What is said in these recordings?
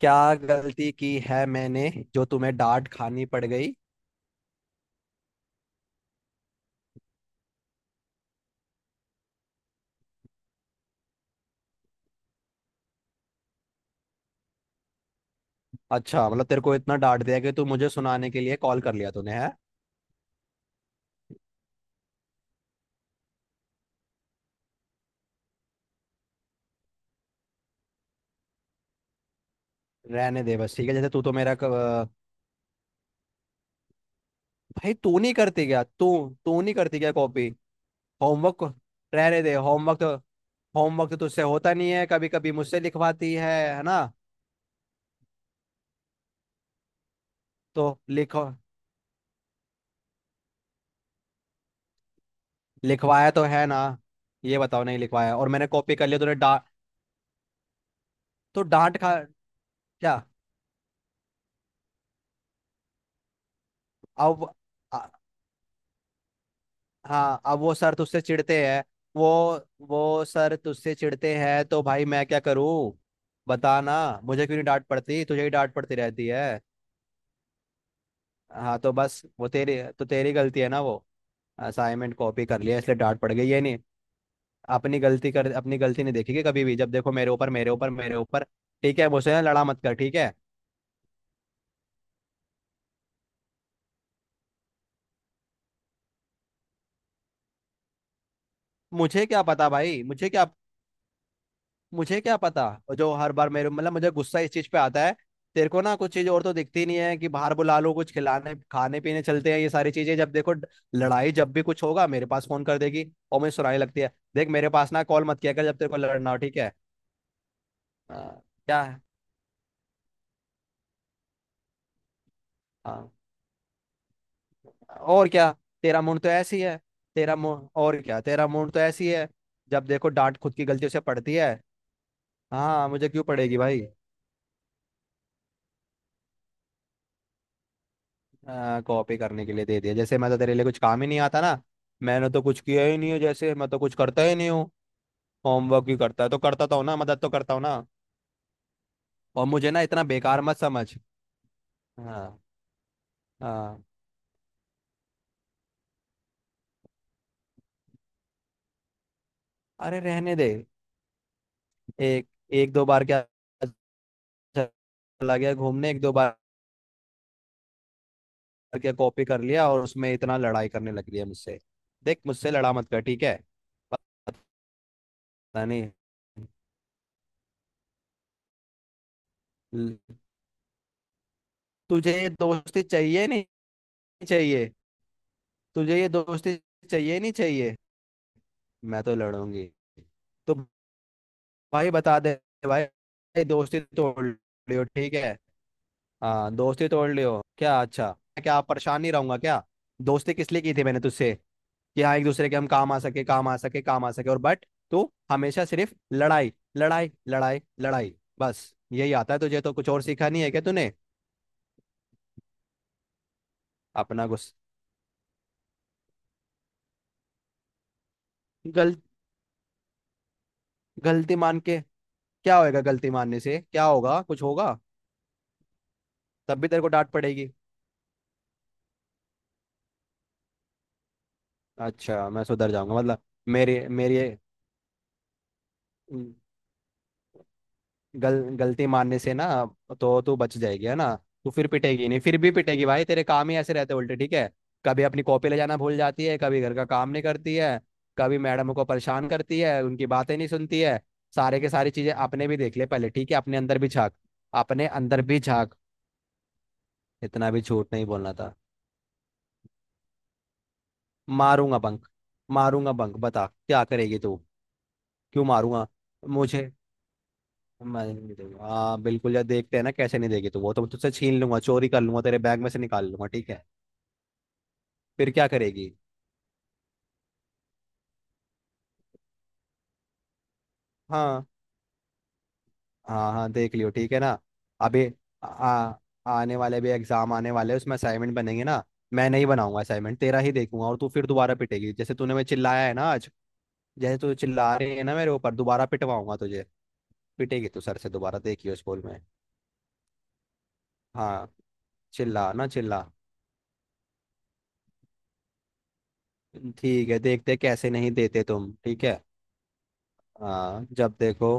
क्या गलती की है मैंने, जो तुम्हें डांट खानी पड़ गई। अच्छा मतलब तेरे को इतना डांट दिया कि तू मुझे सुनाने के लिए कॉल कर लिया तूने, है। रहने दे बस, ठीक है जैसे तू तो मेरा भाई तू नहीं करती क्या? तू तू नहीं करती क्या कॉपी? होमवर्क? रहने दे, होमवर्क तो तुझसे होता नहीं है, कभी कभी मुझसे लिखवाती है ना। तो लिखो, लिखवाया तो है ना। ये बताओ, नहीं लिखवाया और मैंने कॉपी कर लिया तूने डा तो डांट खा। क्या? अब हाँ, अब वो सर तुझसे चिढ़ते हैं। वो वो सर तुझसे चिढ़ते हैं तो भाई मैं क्या करूँ? बता ना। मुझे क्यों नहीं डांट पड़ती, तुझे ही डांट पड़ती रहती है। हाँ तो बस वो तेरी तो तेरी गलती है ना, वो असाइनमेंट कॉपी कर लिया इसलिए डांट पड़ गई, ये नहीं। अपनी गलती कर, अपनी गलती नहीं देखेगी कभी भी, जब देखो मेरे ऊपर, मेरे ऊपर, मेरे ऊपर। ठीक है, मुझसे ना लड़ा मत कर, ठीक है। मुझे क्या पता भाई, मुझे क्या पता। और जो हर बार मेरे मतलब, मुझे गुस्सा इस चीज पे आता है। तेरे को ना कुछ चीज और तो दिखती नहीं है, कि बाहर बुला लो, कुछ खिलाने खाने पीने चलते हैं, ये सारी चीजें। जब देखो लड़ाई, जब भी कुछ होगा मेरे पास फोन कर देगी और मुझे सुनाई लगती है। देख, मेरे पास ना कॉल मत किया कर जब तेरे को लड़ना हो, ठीक है। हाँ, क्या है। हाँ, और क्या। तेरा मूड तो ऐसी है। तेरा मूड और क्या, तेरा मूड तो ऐसी है। जब देखो डांट खुद की गलतियों से पड़ती है। हाँ, मुझे क्यों पड़ेगी भाई। कॉपी करने के लिए दे दिया जैसे मैं तो तेरे लिए कुछ काम ही नहीं आता ना। मैंने तो कुछ किया ही नहीं है जैसे, मैं तो कुछ करता ही नहीं हूँ। होमवर्क ही करता है, तो करता तो हूँ ना, मदद तो करता हूँ ना। और मुझे ना इतना बेकार मत समझ। हाँ हाँ। अरे रहने दे। एक एक दो बार क्या, चला गया घूमने एक दो बार। क्या कॉपी कर लिया और उसमें इतना लड़ाई करने लग रही है मुझसे। देख, मुझसे लड़ा मत कर, ठीक है। पता नहीं। ल- तुझे ये दोस्ती चाहिए? नहीं चाहिए? तुझे ये दोस्ती चाहिए? नहीं चाहिए? मैं तो लड़ूंगी। तो भाई बता दे। भाई भाई, दोस्ती तोड़ लियो, ठीक है। हाँ दोस्ती तोड़ लियो क्या, अच्छा। क्या परेशान नहीं रहूंगा क्या? दोस्ती किस लिए की थी मैंने तुझसे, कि हाँ एक दूसरे के हम काम आ सके, काम आ सके, काम आ सके, और बट तू हमेशा सिर्फ लड़ाई लड़ाई लड़ाई लड़ाई। बस यही आता है तुझे, तो कुछ और सीखा नहीं है क्या तूने? अपना गुस्स गल गलती मान के क्या होएगा, गलती मानने से क्या होगा, कुछ होगा? तब भी तेरे को डांट पड़ेगी। अच्छा मैं सुधर जाऊंगा मतलब। मेरी मेरी गल गलती मानने से ना, तो तू बच जाएगी है ना? तू फिर पिटेगी नहीं, फिर भी पिटेगी भाई, तेरे काम ही ऐसे रहते उल्टे, ठीक है। कभी अपनी कॉपी ले जाना भूल जाती है, कभी घर का काम नहीं करती है, कभी मैडम को परेशान करती है, उनकी बातें नहीं सुनती है। सारे के सारी चीजें अपने भी देख ले पहले, ठीक है, अपने अंदर भी झांक। अपने अंदर भी झांक। इतना भी झूठ नहीं बोलना था। मारूंगा बंक, मारूंगा बंक, बता क्या करेगी तू। क्यों मारूंगा मुझे? मैं नहीं दूंगा, हाँ बिल्कुल यार, देखते हैं ना कैसे नहीं देगी तू। वो तो मैं तुझसे छीन लूंगा, चोरी कर लूंगा, तेरे बैग में से निकाल लूंगा, ठीक है। फिर क्या करेगी। हाँ। हाँ हाँ, देख लियो, ठीक है ना। अभी आ, आने वाले भी एग्जाम आने वाले हैं, उसमें असाइनमेंट बनेंगे ना। मैं नहीं बनाऊंगा असाइनमेंट, तेरा ही देखूंगा और तू फिर दोबारा पिटेगी, जैसे तूने मुझे चिल्लाया है ना आज। जैसे तू चिल्ला रही है ना मेरे ऊपर, दोबारा पिटवाऊंगा तुझे। पिटेगी तू सर से दोबारा, देखियो स्कूल में। हाँ। चिल्ला ना चिल्ला। ठीक है, देखते हैं कैसे नहीं देते तुम, ठीक है। हाँ, जब देखो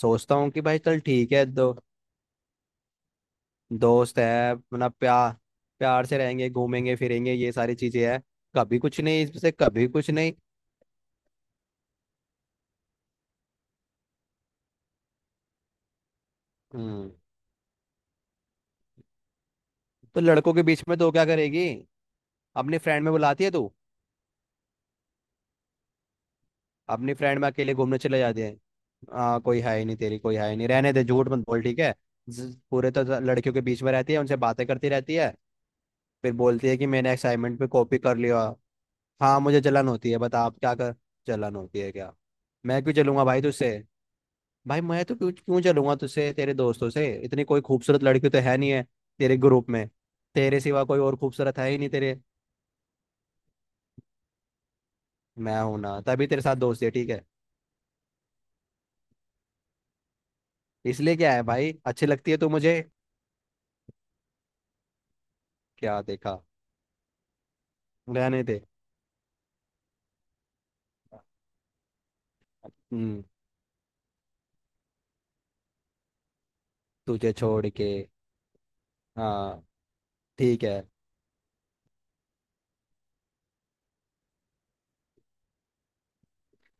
सोचता हूँ कि भाई चल ठीक है, दो दोस्त है अपना, प्यार। प्यार से रहेंगे, घूमेंगे फिरेंगे, ये सारी चीजें हैं। कभी कुछ नहीं इससे, कभी कुछ नहीं। हम्म। तो लड़कों के बीच में तो क्या करेगी, अपनी फ्रेंड में बुलाती है तू, अपनी फ्रेंड में अकेले घूमने चले जाते हैं। हाँ, कोई है ही नहीं तेरी, कोई है ही नहीं, रहने दे, झूठ मत बोल, ठीक है। पूरे तो लड़कियों के बीच में रहती है, उनसे बातें करती रहती है। फिर बोलती है कि मैंने असाइनमेंट पे कॉपी कर लिया। हाँ मुझे जलन होती है, बता आप क्या कर। जलन होती है क्या? मैं क्यों जलूंगा भाई तुझसे। भाई मैं तो क्यों क्यों चलूंगा तुझसे, तेरे दोस्तों से इतनी कोई खूबसूरत लड़की तो है नहीं है, तेरे ग्रुप में। तेरे सिवा कोई और खूबसूरत है ही नहीं तेरे। मैं हूं ना, तभी तेरे साथ दोस्ती है, ठीक है। इसलिए क्या है भाई, अच्छी लगती है तो मुझे। क्या देखा, रहने दे। हम्म। तुझे छोड़ के। हाँ। ठीक है।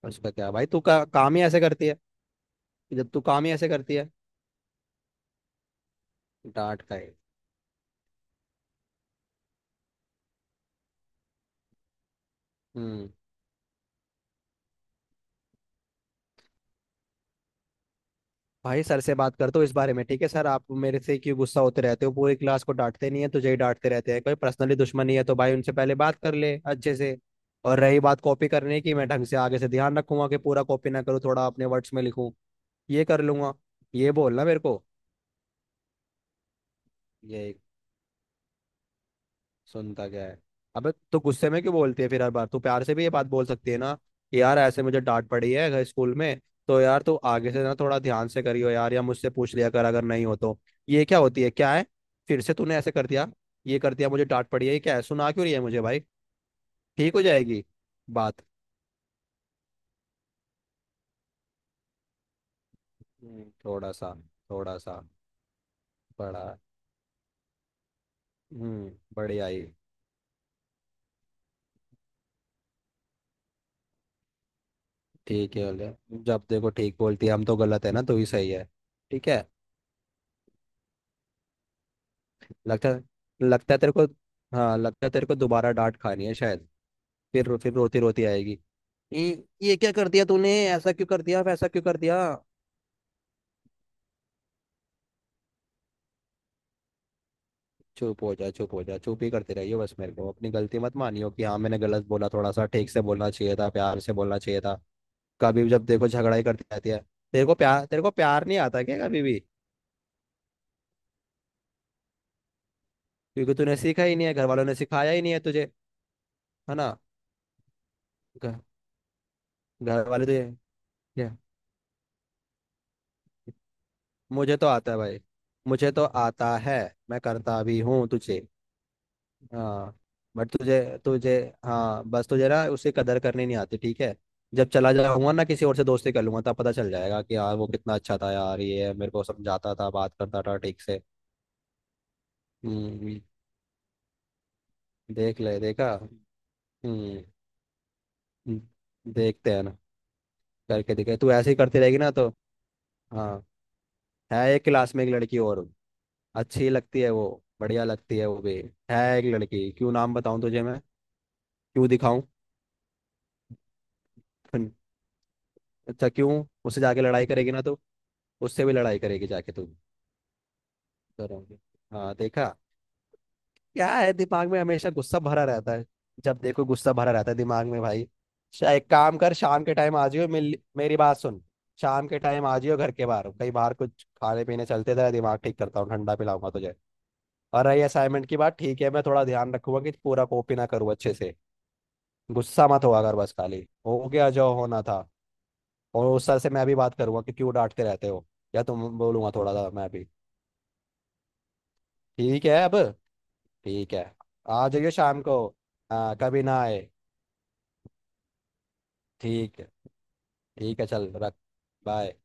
उसका क्या भाई, तू काम ही ऐसे करती है। जब तू काम ही ऐसे करती है, डांट खाए। हम्म। भाई सर से बात करते हो इस बारे में, ठीक है। सर, आप मेरे से क्यों गुस्सा होते रहते हो, पूरी क्लास को डांटते नहीं है, तुझे ही डांटते रहते हैं, कोई पर्सनली दुश्मनी है तो भाई, उनसे पहले बात कर ले अच्छे से। और रही बात कॉपी करने की, मैं ढंग से आगे से ध्यान रखूंगा कि पूरा कॉपी ना करूँ, थोड़ा अपने वर्ड्स में लिखूं, ये कर लूंगा। ये बोलना मेरे को। ये सुनता क्या है। अबे तो गुस्से में क्यों बोलती है फिर हर बार तू, प्यार से भी ये बात बोल सकती है ना, कि यार ऐसे मुझे डांट पड़ी है अगर स्कूल में, तो यार तू आगे से ना थोड़ा ध्यान से करियो, यार या मुझसे पूछ लिया कर अगर नहीं हो तो। ये क्या होती है, क्या है, फिर से तूने ऐसे कर दिया, ये कर दिया, मुझे डांट पड़ी है, ये क्या है, सुना क्यों रही है मुझे भाई। ठीक हो जाएगी बात। थोड़ा सा। थोड़ा सा। बड़ा। हम्म। बढ़िया ही। ठीक है, बोले। जब देखो ठीक बोलती है, हम तो गलत है ना, तू ही सही है। ठीक है। लगता लगता है तेरे को, हाँ लगता है तेरे को दोबारा डांट खानी है शायद। फिर फिर रोती रोती आएगी। ये क्या कर दिया तूने, ऐसा क्यों कर दिया, वैसा क्यों कर दिया। चुप हो जा, चुप हो जा, चुप ही करते रहिए बस मेरे को, अपनी गलती मत मानियो कि हाँ मैंने गलत बोला, थोड़ा सा ठीक से बोलना चाहिए था, प्यार से बोलना चाहिए था। कभी भी जब देखो झगड़ा ही करती रहती है। तेरे को प्यार नहीं आता क्या कभी भी? क्योंकि तूने सीखा ही नहीं है, घर वालों ने सिखाया ही नहीं है तुझे, है ना। घ- घर वाले तुझे। क्या? मुझे तो आता है भाई, मुझे तो आता है, मैं करता भी हूँ तुझे। हाँ बट तुझे तुझे हाँ बस तुझे ना उसकी कदर करनी नहीं आती, ठीक है। जब चला जाऊंगा ना किसी और से दोस्ती कर लूंगा, तब पता चल जाएगा कि यार वो कितना अच्छा था, यार ये है, मेरे को समझाता था, बात करता था ठीक से। हम्म। देख ले, देखा। हम्म। हम्म, देखते हैं ना। करके देखे, तू ऐसे ही करती रहेगी ना तो। हाँ, है एक क्लास में एक लड़की और, अच्छी लगती है वो, बढ़िया लगती है वो भी। है एक लड़की, क्यों नाम बताऊं तुझे मैं, क्यों दिखाऊं फिर। अच्छा क्यों, उससे जाके लड़ाई करेगी ना तो? उससे भी लड़ाई करेगी जाके तू, करोगे। हाँ देखा। क्या है, दिमाग में हमेशा गुस्सा भरा रहता है, जब देखो गुस्सा भरा रहता है दिमाग में भाई। एक काम कर, शाम के टाइम आ जियो, मिल, मेरी बात सुन। शाम के टाइम आ जियो घर के बाहर, कहीं बाहर कुछ खाने पीने चलते, तेरा दिमाग ठीक करता हूँ, ठंडा पिलाऊंगा तुझे। और रही असाइनमेंट की बात, ठीक है, मैं थोड़ा ध्यान रखूंगा कि पूरा कॉपी ना करूँ अच्छे से। गुस्सा मत हुआ कर, बस खाली हो गया जो होना था। और उस सर से मैं भी बात करूंगा कि क्यों डांटते रहते हो, या तुम बोलूंगा थोड़ा सा मैं भी। ठीक है अब। ठीक है। आ जाइए शाम को। हाँ कभी ना आए। ठीक है। ठीक है, चल रख। बाय।